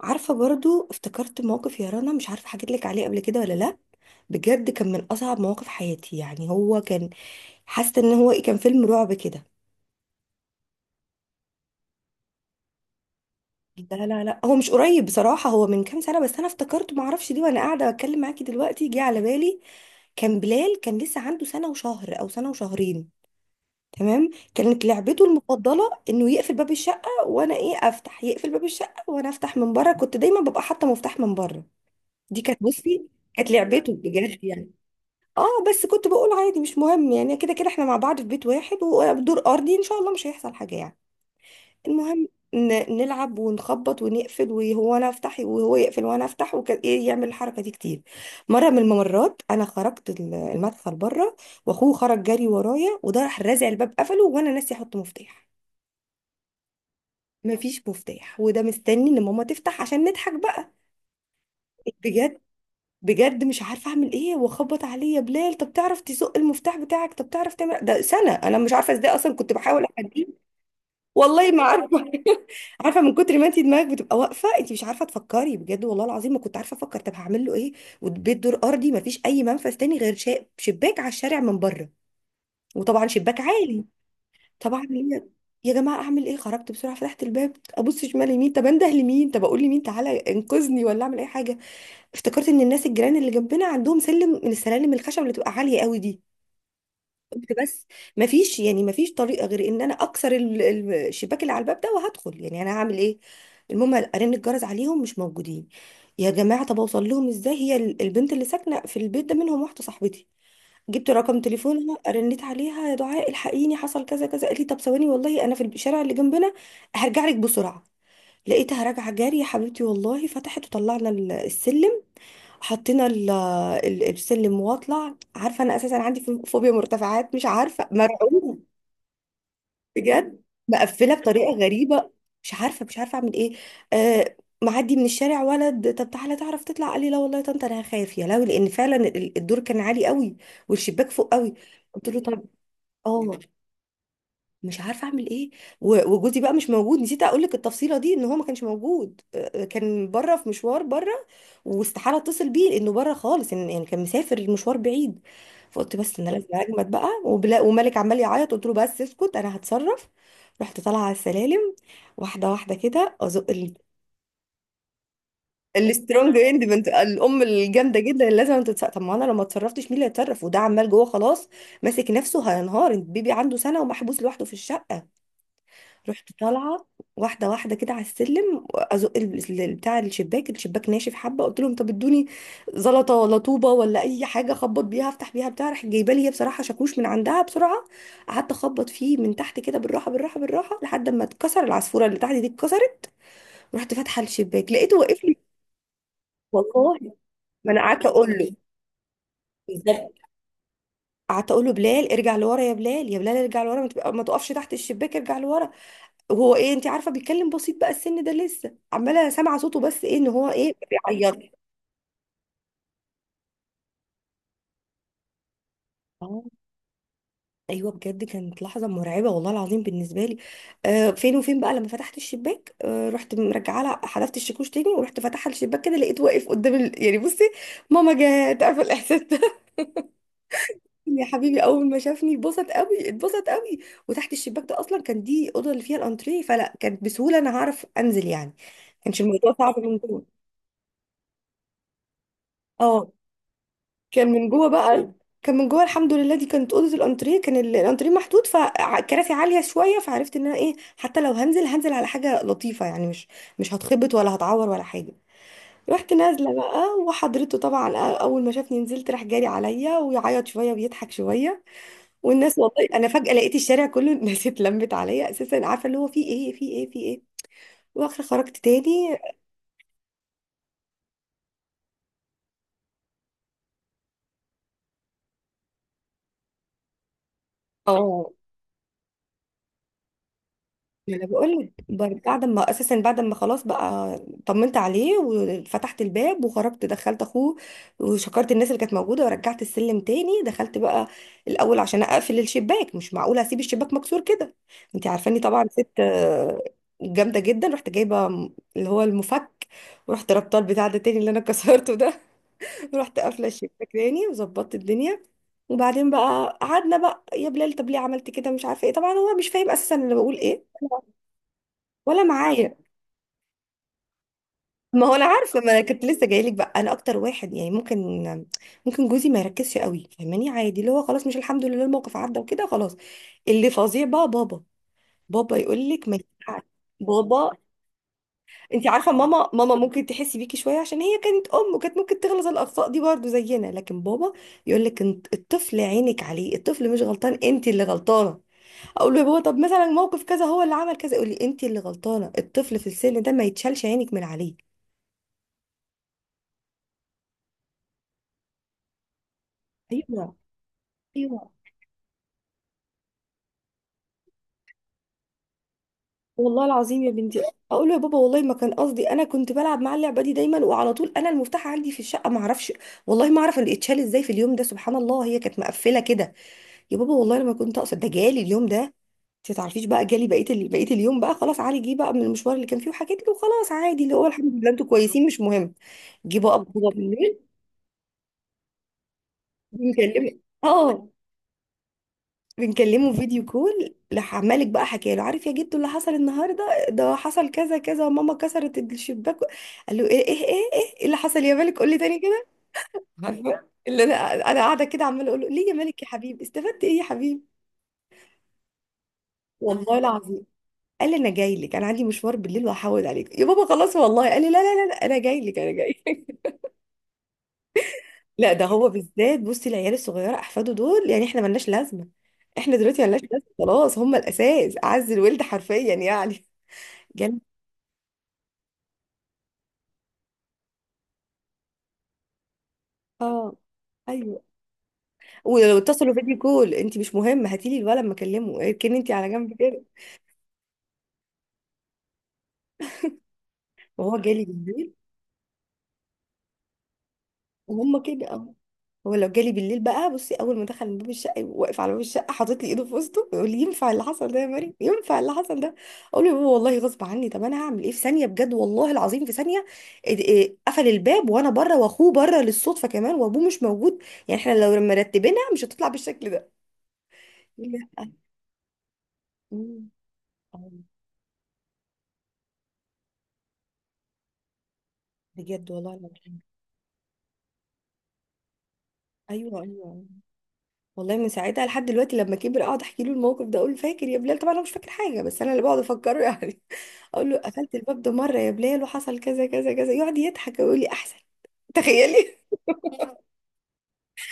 عارفة برضو افتكرت موقف يا رنا، مش عارفة حكيت لك عليه قبل كده ولا لا. بجد كان من أصعب مواقف حياتي، يعني هو كان حاسة إن هو كان فيلم رعب كده. لا لا لا، هو مش قريب بصراحة، هو من كام سنة، بس أنا افتكرته، معرفش دي وأنا قاعدة بتكلم معاكي دلوقتي جه على بالي. كان بلال كان لسه عنده سنة وشهر أو سنة وشهرين. تمام. كانت لعبته المفضلة إنه يقفل باب الشقة وأنا أفتح، يقفل باب الشقة وأنا أفتح من بره، كنت دايما ببقى حاطة مفتاح من بره. دي كانت، بصي، كانت لعبته بجد يعني. اه، بس كنت بقول عادي مش مهم، يعني كده كده احنا مع بعض في بيت واحد ودور ارضي، ان شاء الله مش هيحصل حاجه يعني. المهم، نلعب ونخبط ونقفل، وهو انا افتح وهو يقفل وانا افتح وكده، يعمل الحركه دي كتير. مره من الممرات انا خرجت المدخل بره، واخوه خرج جري ورايا، وده راح رازع الباب قفله وانا ناسي احط مفتاح. مفيش مفتاح، وده مستني ان ماما تفتح عشان نضحك بقى. بجد، بجد مش عارفه اعمل ايه، واخبط عليه يا بلال، طب تعرف تزق المفتاح بتاعك، طب تعرف تعمل ده، سنه، انا مش عارفه ازاي، اصلا كنت بحاول احديه. والله ما عارفه. عارفه من كتر ما انت دماغك بتبقى واقفه، انت مش عارفه تفكري، بجد والله العظيم ما كنت عارفه افكر، طب هعمل له ايه؟ والبيت دور ارضي ما فيش اي منفذ تاني غير شباك على الشارع من بره، وطبعا شباك عالي. طبعا هي. يا جماعه اعمل ايه؟ خرجت بسرعه، فتحت الباب، ابص شمال يمين، طب انده لمين، طب اقول لمين تعالى انقذني، ولا اعمل اي حاجه. افتكرت ان الناس الجيران اللي جنبنا عندهم سلم من السلالم الخشب اللي بتبقى عاليه قوي دي. قلت بس، ما فيش يعني، ما فيش طريقه غير ان انا اكسر الشباك اللي على الباب ده وهدخل، يعني انا هعمل ايه؟ المهم ارن الجرس عليهم، مش موجودين. يا جماعه طب اوصل لهم ازاي؟ هي البنت اللي ساكنه في البيت ده منهم واحده صاحبتي. جبت رقم تليفونها، رنيت عليها، يا دعاء الحقيني حصل كذا كذا، قالت لي طب ثواني والله انا في الشارع اللي جنبنا، هرجع لك بسرعه. لقيتها راجعه جاري يا حبيبتي، والله فتحت وطلعنا السلم. حطينا السلم واطلع، عارفه انا اساسا عندي فوبيا مرتفعات، مش عارفه، مرعوب بجد. مقفله بطريقه غريبه. مش عارفه اعمل ايه. آه. معدي من الشارع ولد، طب تعالى تعرف تطلع؟ قال لي لا والله يا طنط انا خايف. يا لهوي، لان فعلا الدور كان عالي قوي، والشباك فوق قوي. قلت له طب، اه، مش عارفه اعمل ايه. وجوزي بقى مش موجود، نسيت اقول لك التفصيله دي، ان هو ما كانش موجود، كان بره في مشوار بره، واستحاله اتصل بيه انه بره خالص، يعني كان مسافر، المشوار بعيد. فقلت بس انا لازم اجمد بقى، وبلا ومالك عمال يعيط، قلت له بس اسكت انا هتصرف. رحت طالعه على السلالم واحده واحده كده، ازق السترونج اندبنت، الام الجامده جدا اللي لازم تتصرف، طب ما انا لو ما اتصرفتش مين اللي هيتصرف، وده عمال جوه خلاص ماسك نفسه هينهار، البيبي عنده سنه ومحبوس لوحده في الشقه. رحت طالعه واحده واحده كده على السلم، ازق بتاع الشباك. الشباك ناشف حبه، قلت لهم طب ادوني زلطه ولا طوبه ولا اي حاجه اخبط بيها، افتح بيها بتاع، راحت جايبه لي هي بصراحه شاكوش من عندها بسرعه. قعدت اخبط فيه من تحت كده بالراحه بالراحه بالراحه، لحد ما اتكسر، العصفوره اللي تحت دي اتكسرت. رحت فاتحه الشباك لقيته واقف لي. والله ما انا قعدت اقول له. بالظبط. قعدت اقول له بلال ارجع لورا، يا بلال يا بلال ارجع لورا، ما تقفش تحت الشباك، ارجع لورا. وهو انت عارفه بيتكلم بسيط بقى السن ده، لسه عماله سامعه صوته، بس ان هو بيعيط. اه. ايوه بجد كانت لحظه مرعبه والله العظيم بالنسبه لي. آه فين وفين بقى، لما فتحت الشباك آه، رحت مرجعه لها، حذفت الشاكوش تاني، ورحت فاتحه الشباك كده، لقيت واقف قدام يعني بصي، ماما جت، عارفه الاحساس ده؟ يا حبيبي، اول ما شافني اتبسط قوي اتبسط قوي. وتحت الشباك ده اصلا كان، دي اوضه اللي فيها الانتريه، فلا كانت بسهوله انا هعرف انزل يعني، كانش الموضوع صعب من جوه. اه، كان من جوه بقى، كان من جوه، الحمد لله. دي كانت اوضه الانتريه، كان الانتريه محدود فكراسي عاليه شويه، فعرفت ان انا حتى لو هنزل هنزل على حاجه لطيفه، يعني مش، مش هتخبط ولا هتعور ولا حاجه. رحت نازله بقى وحضرته طبعا، اول ما شافني نزلت راح جاري عليا، ويعيط شويه ويضحك شويه. والناس، والله انا فجاه لقيت الشارع كله الناس اتلمت عليا، اساسا عارفه اللي هو في ايه في ايه في ايه. واخر خرجت تاني. اه، ما انا بقول لك، بعد ما اساسا، بعد ما خلاص بقى طمنت عليه وفتحت الباب وخرجت، دخلت اخوه، وشكرت الناس اللي كانت موجوده، ورجعت السلم تاني، دخلت بقى الاول عشان اقفل الشباك، مش معقوله اسيب الشباك مكسور كده، انت عارفاني طبعا، ست جامده جدا. رحت جايبه اللي هو المفك، ورحت ربطه البتاع ده تاني اللي انا كسرته ده. رحت قافله الشباك تاني، وظبطت الدنيا. وبعدين بقى قعدنا بقى، يا بلال طب ليه عملت كده؟ مش عارفه ايه، طبعا هو مش فاهم اساسا انا بقول ايه، ولا معايا. ما هو انا عارفه، ما انا كنت لسه جايلك بقى، انا اكتر واحد يعني ممكن، ممكن جوزي ما يركزش قوي فاهماني، عادي، اللي هو خلاص مش، الحمد لله الموقف عدى وكده خلاص. اللي فظيع بقى بابا. بابا يقول لك ما ينفعش. بابا، انت عارفه ماما، ماما ممكن تحسي بيكي شويه عشان هي كانت ام وكانت ممكن تغلط الاخطاء دي برضو زينا، لكن بابا يقول لك انت الطفل عينك عليه، الطفل مش غلطان، انت اللي غلطانه. اقول له يا بابا طب مثلا موقف كذا هو اللي عمل كذا، يقول لي انت اللي غلطانه، الطفل في السن ده ما يتشالش عينك من عليه. ايوه، ايوه. والله العظيم يا بنتي، اقول له يا بابا والله ما كان قصدي، انا كنت بلعب مع اللعبه دي دايما وعلى طول انا المفتاح عندي في الشقه، ما اعرفش والله ما اعرف اللي اتشال ازاي في اليوم ده، سبحان الله هي كانت مقفله كده، يا بابا والله لما كنت اقصد ده، جالي اليوم ده. انت تعرفيش بقى جالي بقيه بقيه اليوم بقى، خلاص علي جه بقى من المشوار اللي كان فيه وحكيت له، خلاص عادي اللي هو الحمد لله انتوا كويسين مش مهم. جه بقى بابا بالليل، بيكلمني، اه، بنكلمه فيديو كول، راح عمالك بقى حكى له عارف يا جدو اللي حصل النهارده؟ ده حصل كذا كذا، وماما كسرت الشباك. قال له ايه ايه ايه؟ إيه اللي حصل يا مالك قول لي تاني كده. عارفه اللي انا، انا قاعده كده عماله اقول له ليه يا مالك يا حبيبي، استفدت ايه يا حبيبي. والله العظيم قال لي انا جاي لك، انا عندي مشوار بالليل وهحود عليك يا بابا خلاص، والله قال لي لا لا لا لا، انا جاي لك انا جاي لك. لا ده هو بالذات، بصي العيال الصغيره احفاده دول، يعني احنا ملناش لازمه، احنا دلوقتي ملناش لازمه خلاص، هم الاساس، اعز الولد حرفيا يعني. اه، ايوه. ولو اتصلوا فيديو كول انت مش مهم، هاتيلي الولد ما اكلمه، اركني انت على جنب كده. وهو جالي بالليل، وهم كده. اه، هو لو جالي بالليل بقى، بصي، اول ما دخل من باب الشقه يبقى واقف على باب الشقه حاطط لي ايده في وسطه يقول لي ينفع اللي حصل ده يا مريم؟ ينفع اللي حصل ده؟ اقول له يا بابا والله غصب عني، طب انا هعمل ايه؟ في ثانيه بجد والله العظيم في ثانيه، إد- إيه، قفل الباب وانا بره واخوه بره للصدفه كمان وابوه مش موجود، يعني احنا لو مرتبينها مش هتطلع بالشكل ده. لا. مم. آه، بجد والله العظيم. ايوه، ايوه. والله من ساعتها لحد دلوقتي لما كبر اقعد احكي له الموقف ده، اقول له فاكر يا بلال؟ طبعا انا مش فاكر حاجه، بس انا اللي بقعد افكره يعني. اقول له قفلت الباب ده مره يا بلال وحصل كذا كذا كذا، يقعد يضحك ويقول لي احسن. تخيلي.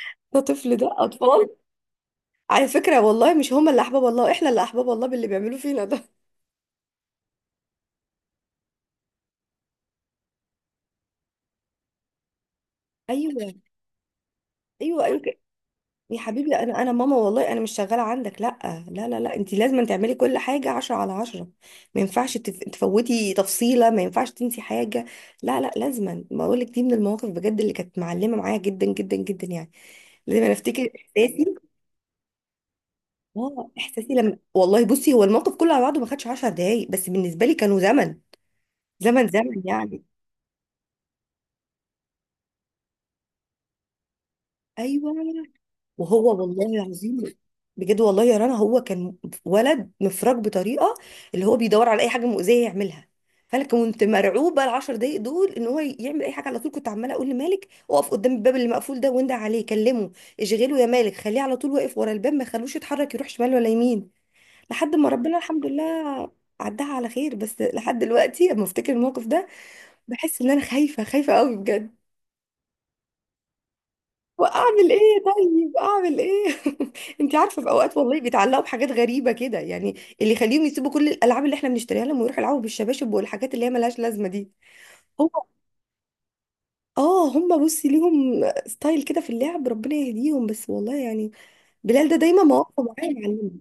ده طفل، ده اطفال، على فكره والله مش هما اللي احباب الله، احنا اللي احباب الله باللي بيعملوه فينا ده. ايوه ايوه ايوه. يا حبيبي انا، انا ماما، والله انا مش شغاله عندك، لا لا لا، لا انت لازم تعملي كل حاجه عشرة على عشرة، ما ينفعش تفوتي تفصيله، ما ينفعش تنسي حاجه. لا لا، لازما بقول لك دي من المواقف بجد اللي كانت معلمه معايا جدا جدا جدا يعني. لازم انا افتكر احساسي، اه، احساسي لما، والله بصي هو الموقف كله على بعضه ما خدش 10 دقايق، بس بالنسبه لي كانوا زمن، زمن زمن يعني. ايوه، وهو والله العظيم، بجد والله يا رنا هو كان ولد مفرج بطريقه، اللي هو بيدور على اي حاجه مؤذيه يعملها. فانا كنت مرعوبه العشر دقايق دول ان هو يعمل اي حاجه، على طول كنت عماله اقول لمالك اقف قدام الباب اللي مقفول ده وندع عليه كلمه، اشغله يا مالك، خليه على طول واقف ورا الباب، ما خلوش يتحرك يروح شمال ولا يمين، لحد ما ربنا الحمد لله عدها على خير. بس لحد دلوقتي لما افتكر الموقف ده بحس ان انا خايفه، خايفه قوي بجد. واعمل ايه طيب؟ اعمل ايه؟ انت عارفه في اوقات والله بيتعلقوا بحاجات غريبه كده، يعني اللي يخليهم يسيبوا كل الالعاب اللي احنا بنشتريها لهم، ويروحوا يلعبوا بالشباشب والحاجات اللي هي ملهاش لازمه دي. هو، اه، هم بصي ليهم ستايل كده في اللعب، ربنا يهديهم بس والله يعني، بلال ده دايما مواقفه معايا معلمه.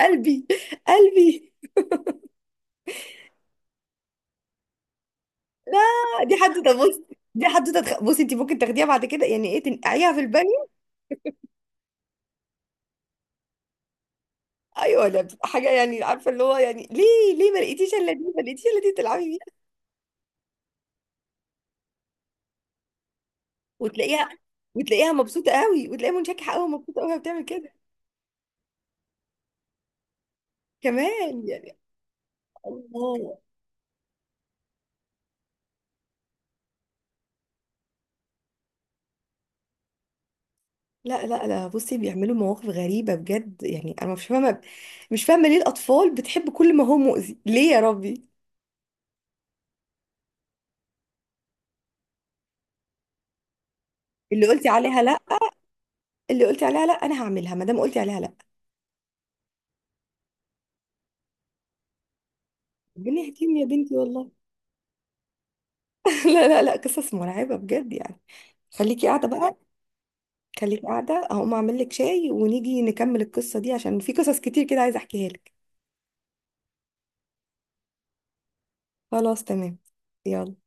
قلبي، قلبي. لا، دي حد، بصي، دي حدوته بصي انت ممكن تاخديها بعد كده، يعني ايه تنقعيها في البانيو؟ ايوه، ده بتبقى حاجه يعني، عارفه اللي هو يعني ليه، ليه ما لقيتيش الا دي، ما لقيتيش الا دي تلعبي؟ وتلاقيها، وتلاقيها مبسوطه قوي وتلاقيها منشكحه قوي ومبسوطه قوي وهي بتعمل كده كمان يعني. الله. لا لا لا، بصي بيعملوا مواقف غريبه بجد يعني، انا مش فاهمه، مش فاهمه ليه الاطفال بتحب كل ما هو مؤذي، ليه يا ربي. اللي قلتي عليها لا، اللي قلتي عليها لا، انا هعملها ما دام قلتي عليها لا. ربنا يهديهم يا بنتي والله. لا لا لا، قصص مرعبه بجد يعني، خليكي قاعده بقى، خليكي قاعده هقوم اعمل لك شاي ونيجي نكمل القصه دي عشان في قصص كتير كده عايزه احكيها لك. خلاص تمام. يلا.